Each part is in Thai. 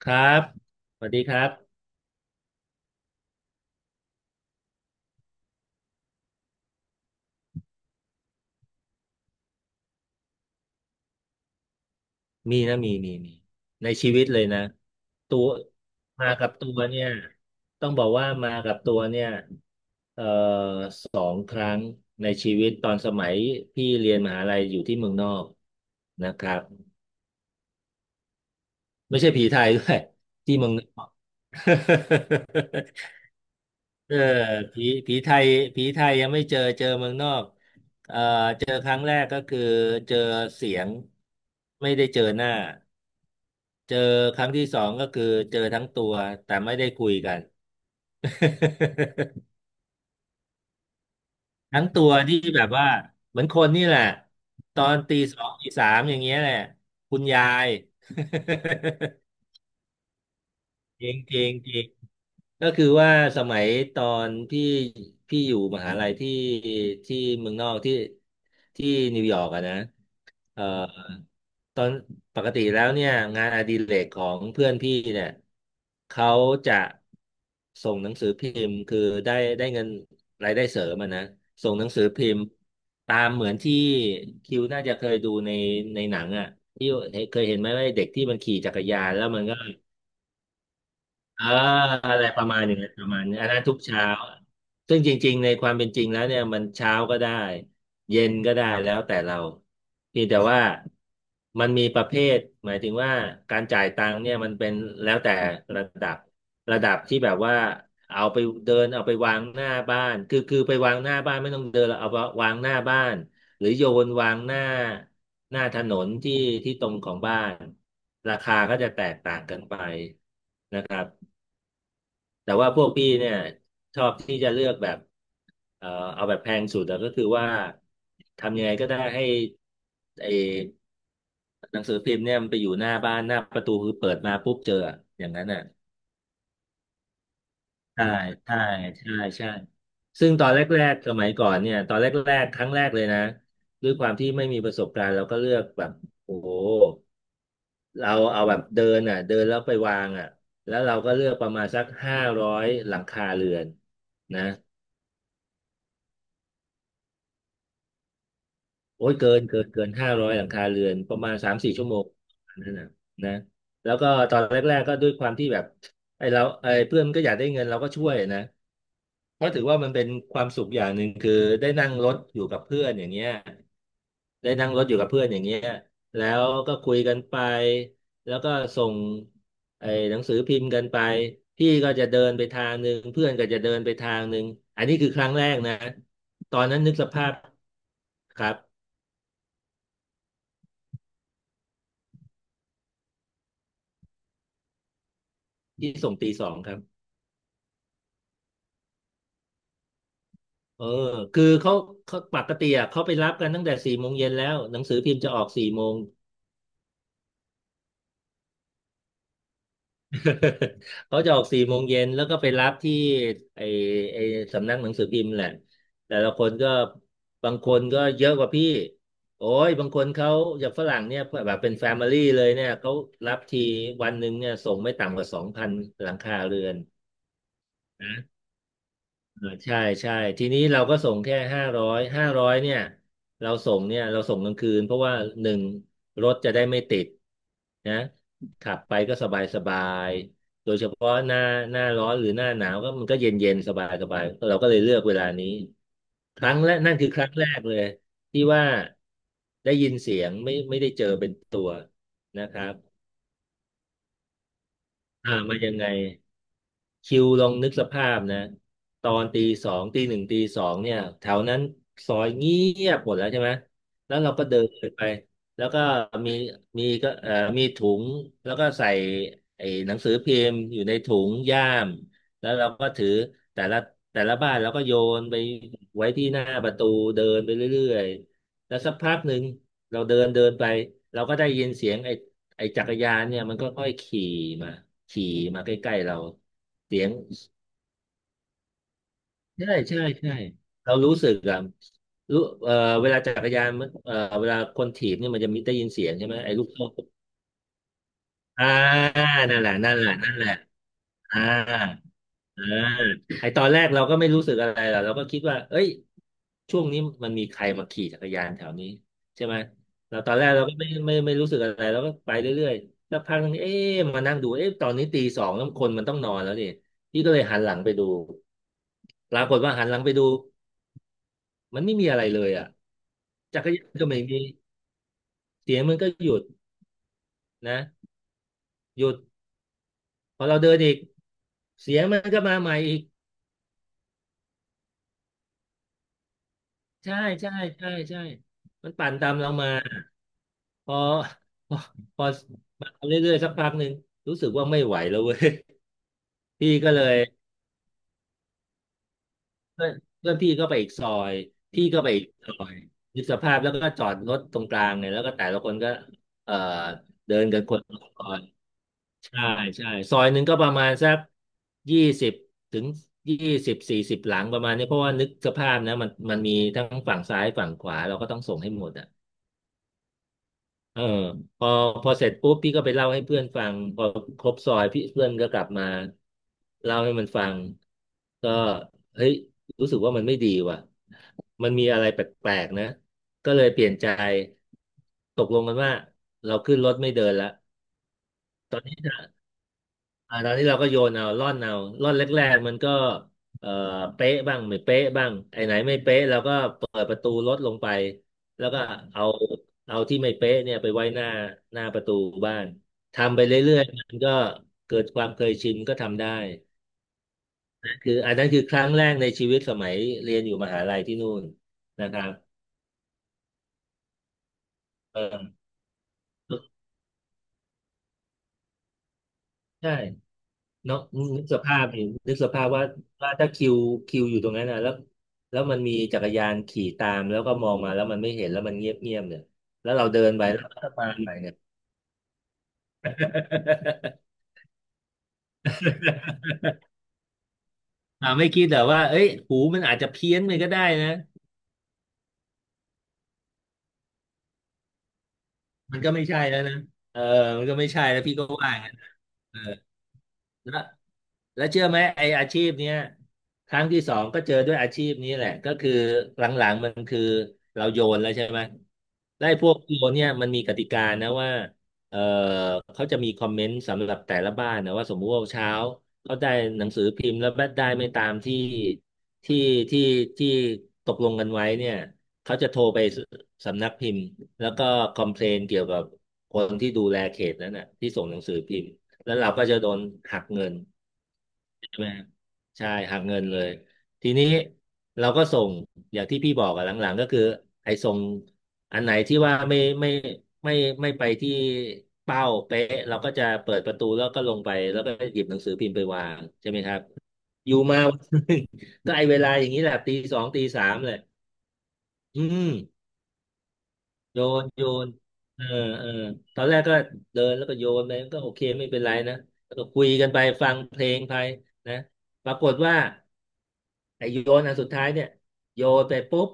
ครับสวัสดีครับ มีนะมีมีมี ในชีวิตเลยนะตัวมากับตัวเนี่ยต้องบอกว่ามากับตัวเนี่ยเอ่อ2 ครั้งในชีวิต ตอนสมัยพี่เรียนมหาลัยอยู่ที่เมืองนอกนะครับไม่ใช่ผีไทยด้วย ที่เมืองนอก เออผีผีไทยผีไทยยังไม่เจอ เจอเมืองนอกเอ่อเจอครั้งแรกก็คือเจอเสียง ไม่ได้เจอหน้า เจอครั้งที่สองก็คือเจอทั้งตัวแต่ไม่ได้คุยกัน ทั้งตัวที่แบบว่าเหมือนคนนี่แหละตอนตี 2 ตี 3อย่างเงี้ยแหละคุณยาย จริงจริงจริง ก็คือว่าสมัยตอนพี่อยู่มหาลัยที่เมืองนอกที่นิวยอร์กอะนะเอ่อตอนปกติแล้วเนี่ยงานอดิเรกของเพื่อนพี่เนี่ยเขาจะส่งหนังสือพิมพ์คือได้ได้เงินรายได้เสริมอะนะส่งหนังสือพิมพ์ตามเหมือนที่คิวน่าจะเคยดูในหนังอะที่เคยเห็นไหมว่าเด็กที่มันขี่จักรยานแล้วมันก็ เอออะไรประมาณอย่างนั้นประมาณนี้อันนั้นทุกเช้าซึ่งจริงๆในความเป็นจริงแล้วเนี่ยมันเช้าก็ได้เย็นก็ได้แล้วแต่เราเพียงแต่ว่ามันมีประเภทหมายถึงว่าการจ่ายตังค์เนี่ยมันเป็นแล้วแต่ระดับระดับที่แบบว่าเอาไปเดินเอาไปวางหน้าบ้านคือไปวางหน้าบ้านไม่ต้องเดินเราเอาวางหน้าบ้านหรือโยนวางหน้าถนนที่ตรงของบ้านราคาก็จะแตกต่างกันไป แต่ว่าพวกพี่เนี่ยชอบที่จะเลือกแบบเอ่อเอาแบบแพงสุดอะก็คือว่าทำยังไงก็ได้ให้ไอหนังสือพิมพ์เนี่ยมันไปอยู่หน้าบ้านหน้าประตูคือเปิดมาปุ๊บเจออะอย่างนั้นอ่ะใช่ใช่ใช่ใช่ซึ่งตอนแรกๆสมัยก่อนเนี่ยตอนแรกๆครั้งแรกเลยนะด้วยความที่ไม่มีประสบการณ์เราก็เลือกแบบโอ้โหเราเอาแบบเดินอ่ะเดินแล้วไปวางอ่ะแล้วเราก็เลือกประมาณสักห้าร้อยหลังคาเรือนนะ โอ้ยเกินห้าร้อยหลังคาเรือนประมาณ3-4 ชั่วโมงนั่นนะนะแล้วก็ตอนแรกๆก็ด้วยความที่แบบไอ้เพื่อนมันก็อยากได้เงินเราก็ช่วยนะเพราะถือว่ามันเป็นความสุขอย่างหนึ่งคือได้นั่งรถอยู่กับเพื่อนอย่างเงี้ยได้นั่งรถอยู่กับเพื่อนอย่างเงี้ยแล้วก็คุยกันไปแล้วก็ส่งไอ้หนังสือพิมพ์กันไปพี่ก็จะเดินไปทางหนึ่งเพื่อนก็จะเดินไปทางหนึ่งอันนี้คือครั้งแรกนะตอนนั้นนึกสภาพครับ ที่ส่งตี 2ครับเออคือเขาปกติอ่ะเขาไปรับกันตั้งแต่สี่โมงเย็นแล้วหนังสือพิมพ์จะออกสี่โมง เขาจะออกสี่โมงเย็นแล้วก็ไปรับที่ไอไอสำนักหนังสือพิมพ์แหละแต่ละคนก็บางคนก็เยอะกว่าพี่โอ้ยบางคนเขาอย่างฝรั่งเนี่ยแบบเป็นแฟมิลี่เลยเนี่ยเขารับทีวันหนึ่งเนี่ยส่งไม่ต่ำกว่า2,000 หลังคาเรือน เออใช่ใช่ทีนี้เราก็ส่งแค่ห้าร้อยห้าร้อยเนี่ยเราส่งเนี่ยเราส่งกลางคืนเพราะว่าหนึ่งรถจะได้ไม่ติดนะขับไปก็สบายสบายโดยเฉพาะหน้าร้อนหรือหน้าหนาวก็มันก็เย็นเย็นสบายสบายเราก็เลยเลือกเวลานี้ครั้งแรกนั่นคือครั้งแรกเลยที่ว่าได้ยินเสียงไม่ได้เจอเป็นตัวนะครับอ่ามายังไง คิวลองนึกสภาพนะตอนตีสองตีสองเนี่ยแถวนั้นซอยเงียบหมดแล้วใช่ไหมแล้วเราก็เดินไปแล้วก็มีมีก็เอ่อมีถุงแล้วก็ใส่ไอ้หนังสือพิมพ์อยู่ในถุงย่ามแล้วเราก็ถือแต่ละแต่ละบ้านเราก็โยนไปไว้ที่หน้าประตูเดินไปเรื่อยๆแล้วสักพักหนึ่งเราเดินเดินไปเราก็ได้ยินเสียงไอ้ไอ้จักรยานเนี่ยมันก็ค่อยขี่มาขี่มาใกล้ๆเรา เสียงใช่ใช่ใช่เรารู้สึกอะรู้เวลาจักรยานมันเวลาคนถีบเนี่ยมันจะมีได้ยินเสียงใช่ไหมไอ้ลูกโซ่อ่านั่นแหละนั่นแหละนั่นแหละอ่าอ่าไอ้ตอนแรกเราก็ไม่รู้สึกอะไรหรอกเราก็คิดว่าเอ้ยช่วงนี้มันมีใครมาขี่จักรยานแถวนี้ใช่ไหมเราตอนแรกเราก็ไม่รู้สึกอะไรเราก็ไปเรื่อยๆสักพักนึงเอ๊ะมานั่งดูเอ๊ะตอนนี้ตีสองแล้วคนมันต้องนอนแล้วดิพี่ก็เลยหันหลังไปดูปรากฏว่าหันหลังไปดูมันไม่มีอะไรเลยอ่ะ จักรยานก็ไม่มีเสียงมันก็หยุดนะหยุดพอเราเดินอีกเสียงมันก็มาใหม่อีกใช่ใช่ใช่ใช่มันปั่นตามเรามาพอพอพอมาเรื่อยๆสักพักหนึ่งรู้สึกว่าไม่ไหวแล้วเว้ย พี่ก็เลยเพื่อนเพื่อนพี่ก็ไปอีกซอยพี่ก็ไปอีกซอยยึดสภาพแล้วก็จอดรถตรงกลางเนี่ยแล้วก็แต่ละคนก็เอ่อเดินกันคนละซอย ใช่ใช่ซอยหนึ่งก็ประมาณสักยี่สิบถึงยี่สิบ40หลังประมาณนี้เพราะว่านึกสภาพนะมันมีทั้งฝั่งซ้ายฝั่งขวาเราก็ต้องส่งให้หมดอ่ะเออพอพอเสร็จปุ๊บพี่ก็ไปเล่าให้เพื่อนฟังพอครบซอยพี่เพื่อนก็กลับมาเล่าให้มันฟังก็เฮ้ยรู้สึกว่ามันไม่ดีว่ะมันมีอะไรแปลกๆนะก็เลยเปลี่ยนใจตกลงกันว่าเราขึ้นรถไม่เดินละ อ่าตอนนี้เราก็โยนเอาร่อนเอาร่อนแรกๆมันก็เอ่อเป๊ะบ้างไม่เป๊ะบ้างไอ้ไหนไม่เป๊ะเราก็เปิดประตูรถลงไปแล้วก็เอาเอาที่ไม่เป๊ะเนี่ยไปไว้หน้าหน้าประตูบ้านทำไปเรื่อยๆมันก็เกิดความเคยชินก็ทำได้คืออันนั้นคือครั้งแรกในชีวิตสมัยเรียนอยู่มหาลัยที่นู่นนะครับเออใช่ เนาะนึกสภาพเห็นนึกสภาพว่าถ้าคิวอยู่ตรงนั้นนะแล้วมันมีจักรยานขี่ตามแล้วก็มองมาแล้วมันไม่เห็นแล้วมันเงียบเงียบเนี่ยแล้วเราเดินไปแล้วก็มาใหม่เนี่ย อ่าไม่คิดแต่ว่าเอ้ยหูมันอาจจะเพี้ยนไปก็ได้นะมันก็ไม่ใช่แล้วนะเออมันก็ไม่ใช่แล้วพี่ก็ว่า แล้วแล้วเชื่อไหมไออาชีพเนี้ยครั้งที่สองก็เจอด้วยอาชีพนี้แหละก็คือหลังๆมันคือเราโยนแล้วใช่ไหมได้วไอ้พวกโยนเนี่ยมันมีกติกานะว่าเออเขาจะมีคอมเมนต์สำหรับแต่ละบ้านนะว่าสมมุติว่าเช้าเขาได้หนังสือพิมพ์แล้วได้ไม่ตามที่ที่ที่ที่ตกลงกันไว้เนี่ยเขาจะโทรไปสำนักพิมพ์แล้วก็คอมเพลนเกี่ยวกับคนที่ดูแลเขตนั้นน่ะที่ส่งหนังสือพิมพ์ แล้วเราก็จะโดนหักเงินใช่ไหมฮะใช่หักเงินเลยทีนี้เราก็ส่งอย่างที่พี่บอกอะหลังๆก็คือไอ้ส่งอันไหนที่ว่าไม่ไม่ไปที่เป้าเป๊ะเราก็จะเปิดประตูแล้วก็ลงไปแล้วก็หยิบหนังสือพิมพ์ไปวางใช่ไหมครับอยู่มาวันหนึ่ง ก็ไอ้เวลาอย่างนี้แหละตีสองตีสามเลยอืม โยนเออเออตอนแรกก็เดินแล้วก็โยนไปก็โอเคไม่เป็นไรนะแล้วก็คุยกันไปฟังเพลงไปนะปรากฏว่าไอ้โยนอันสุดท้ายเนี่ยโยนไปปุ๊บ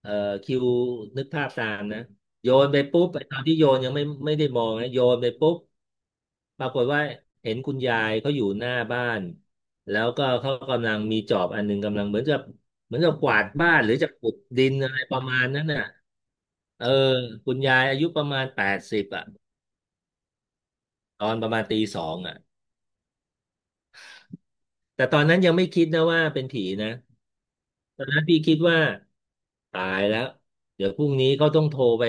เอ่อคิวนึกภาพตามนะโยนไปปุ๊บไอ้ตอนที่โยนยังไม่ได้มองนะโยนไปปุ๊บ ปรากฏว่าเห็นคุณยายเขาอยู่หน้าบ้านแล้วก็เขากำลังมีจอบอันหนึงกำลังเหมือนจะกวาดบ้านหรือจะขุดดินอะไรประมาณนั้นน่ะเออคุณยายอายุประมาณ80อ่ะตอนประมาณตีสองอ่ะแต่ตอนนั้นยังไม่คิดนะว่าเป็นผีนะตอนนั้นพี่คิดว่าตายแล้วเดี๋ยวพรุ่งนี้เขาต้องโทรไป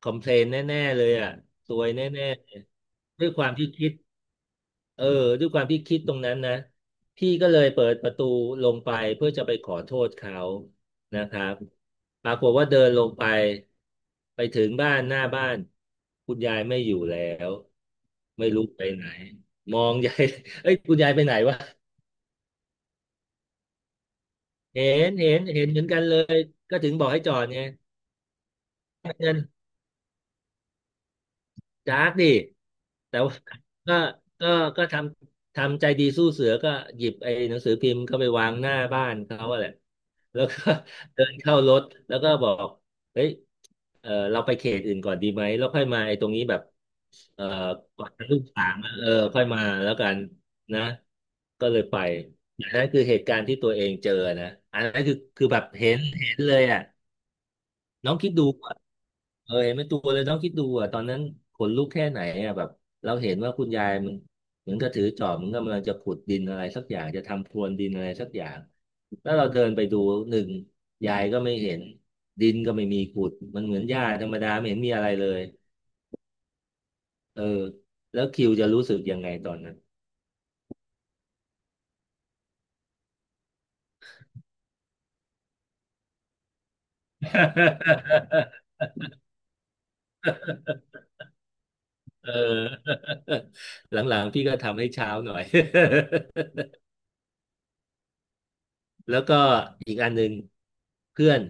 คอมเพลนแน่ๆเลยอ่ะซวยแน่ๆเลยด้วยความที่คิด เออด้วยความที่คิดตรงนั้นนะพี่ก็เลยเปิดประตูลงไปเพื่อจะไปขอโทษเขานะครับปรากฏว่าเดินลงไปไปถึงบ้านหน้าบ้านคุณยายไม่อยู่แล้วไม่รู้ไปไหนมองยาย เอ้ยคุณยายไปไหนวะเห็นเหมือนกันเลยก็ถึงบอกให้จอดไงเงินจากดิแต่ว่า ก็ก็ก็ทำใจดีสู้เสือก็หยิบไอ้หนังสือพิมพ์เข้าไปวางหน้าบ้านเขาอะแหละ แล้วก็ เดินเข้ารถแล้วก็บอกเฮ้ยเออเราไปเขตอื่นก่อนดีไหม แล้วค่อยมาไอ้ตรงนี้แบบเออก่อนจะลูกสามอะเออค่อยมาแล้วกันนะ ก็เลยไป อันนั้นคือเหตุการณ์ที่ตัวเองเจอนะ อันนั้นคือคือแบบเห็นเลยอ่ะ น้องคิดดูอะเออเห็นเป็นตัวเลยน้องคิดดูอ่ะตอนนั้นขนลุกแค่ไหนอ่ะแบบเราเห็นว่าคุณยายมันเหมือนกับถือจอบเหมือนกำลังจะขุดดินอะไรสักอย่างจะทำพรวนดินอะไรสักอย่างแล้วเราเดินไปดูหนึ่งยายก็ไม่เห็นดินก็ไม่มีขุดมันเหมือนหญ้าธรรมดาไม่เห็นมีอะไรเลยเออแล้วคิวจะรู้สึกยังไงตอนนั้น เออ หลังๆพี่ก็ทำให้เช้าหน่อย แล้วก็อีกอันหนึ่งเพื่อน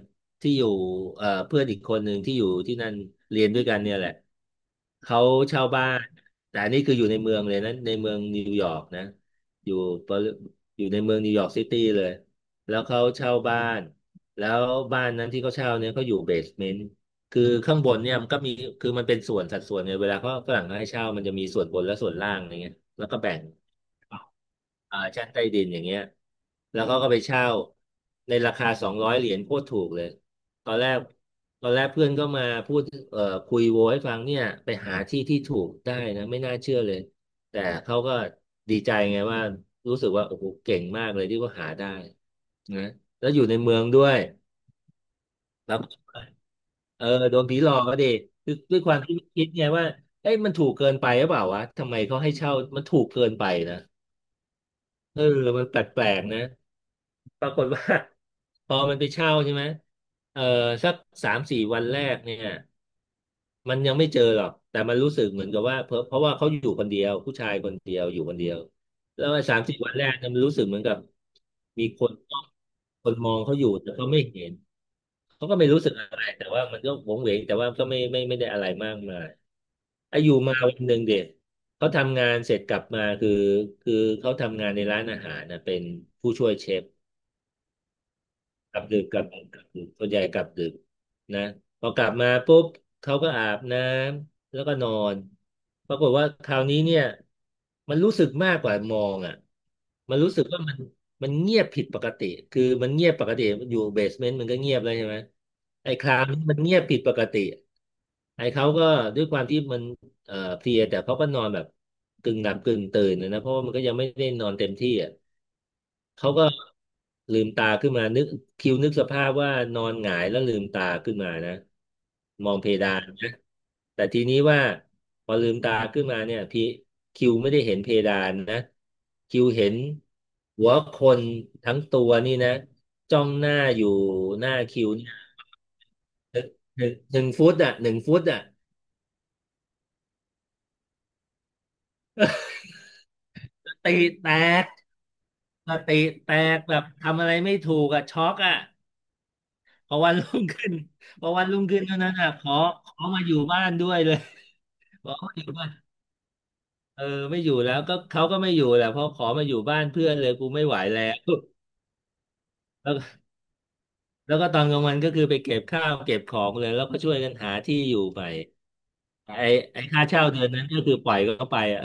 ที่อยู่เพื่อนอีกคนหนึ่งที่อยู่ที่นั่นเรียนด้วยกันเนี่ยแหละเขาเช่าบ้านแต่อันนี้คืออยู่ในเมืองเลยนะในเมืองนิวยอร์กนะอยู่ปริอยู่ในเมืองนิวยอร์กซิตี้เลยแล้วเขาเช่าบ้านแล้วบ้านนั้นที่เขาเช่าเนี่ยเขาอยู่เบสเมนต์คือข้างบนเนี่ยมันก็มีมันเป็นส่วนสัดส่วนเนี่ยเวลาเขาฝรั่งเขาให้เช่ามันจะมีส่วนบนและส่วนล่างอะไรเงี้ยแล้วก็แบ่ง อ่าชั้นใต้ดินอย่างเงี้ยแล้วเขาก็ไปเช่าในราคา$200โคตรถูกเลยตอนแรกเอ่อคุยโวให้ฟังเนี่ยไปหาที่ที่ถูกได้นะไม่น่าเชื่อเลยแต่เขาก็ดีใจไงว่ารู้สึกว่าโอ้โหเก่งมากเลยที่เขาหาได้นะแล้วอยู่ในเมืองด้วยแล้วเออโดนผีหลอกก็ดีคือด้วยความที่คิดไงว่าเอ้ยมันถูกเกินไปหรือเปล่าวะทำไมเขาให้เช่ามันถูกเกินไปนะเออมันแปลกๆนะ ปรากฏว่า พอมันไปเช่าใช่ไหมเออสักสามสี่วันแรกเนี่ยมันยังไม่เจอหรอกแต่มันรู้สึกเหมือนกับว่าเพราะว่าเขาอยู่คนเดียวผู้ชายคนเดียวอยู่คนเดียวแล้วสามสี่วันแรกเนี่ยมันรู้สึกเหมือนกับมีคนมองเขาอยู่แต่เขาไม่เห็นเขาก็ไม่รู้สึกอะไรแต่ว่ามันก็หวงเหวงแต่ว่าก็ไม่ได้อะไรมากมายอายุมาวันหนึ่งเด็กเขาทำงานเสร็จกลับมาคือเขาทำงานในร้านอาหารนะเป็นผู้ช่วยเชฟ กลับดึกส่วนใหญ่กลับดึกนะพอกลับมาปุ๊บเขาก็อาบน้ำแล้วก็นอนปรากฏว่าคราวนี้เนี่ยมันรู้สึกมากกว่ามองอ่ะมันรู้สึกว่ามันเงียบผิดปกติคือมันเงียบปกติอยู่เบสเมนต์มันก็เงียบแล้วใช่ไหมไอ้คราวนี้มันเงียบผิดปกติไอ้เขาก็ด้วยความที่มันเพลียแต่เขาก็นอนแบบกึ่งหลับกึ่งตื่นนะเพราะว่ามันก็ยังไม่ได้นอนเต็มที่อ่ะ เขาก็ลืมตาขึ้นมานึกคิวนึกสภาพว่านอนหงายแล้วลืมตาขึ้นมานะมองเพดานนะแต่ทีนี้ว่าพอลืมตาขึ้นมาเนี่ยพี่คิวไม่ได้เห็นเพดานนะคิวเห็นหัวคนทั้งตัวนี่นะจ้องหน้าอยู่หน้าคิวเนี่ยหนึ่งหนึ่งฟุตอ่ะหนึ่งฟุตอ่ะตีแตกตีแตกแบบทำอะไรไม่ถูกอ่ะช็อกอ่ะ พอวันรุ่งขึ้น พอวันรุ่งขึ้นเท่านั้นอ่ะขอมาอยู่บ้านด้วยเลย ขอมาอยู่บ้านเออไม่อยู่แล้วก็เขาก็ไม่อยู่แหละเพราะขอมาอยู่บ้านเพื่อนเลยกูไม่ไหวแล้ว แล้วแล้วก็ตอนกลางวันก็คือไปเก็บข้าวเก็บของเลยแล้วก็ช่วยกันหาที่อยู่ใหม่ไอ้ไอ้ค่าเช่าเดือนนั้นก็คือปล่อยเขาไปอ่ะ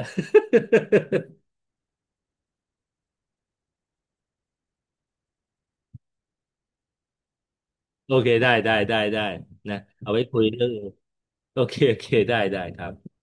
โอเคได้ได้ได้ได้นะเอาไว้คุยเรื่องอื่นโอเคโอเคได้ได้ครับ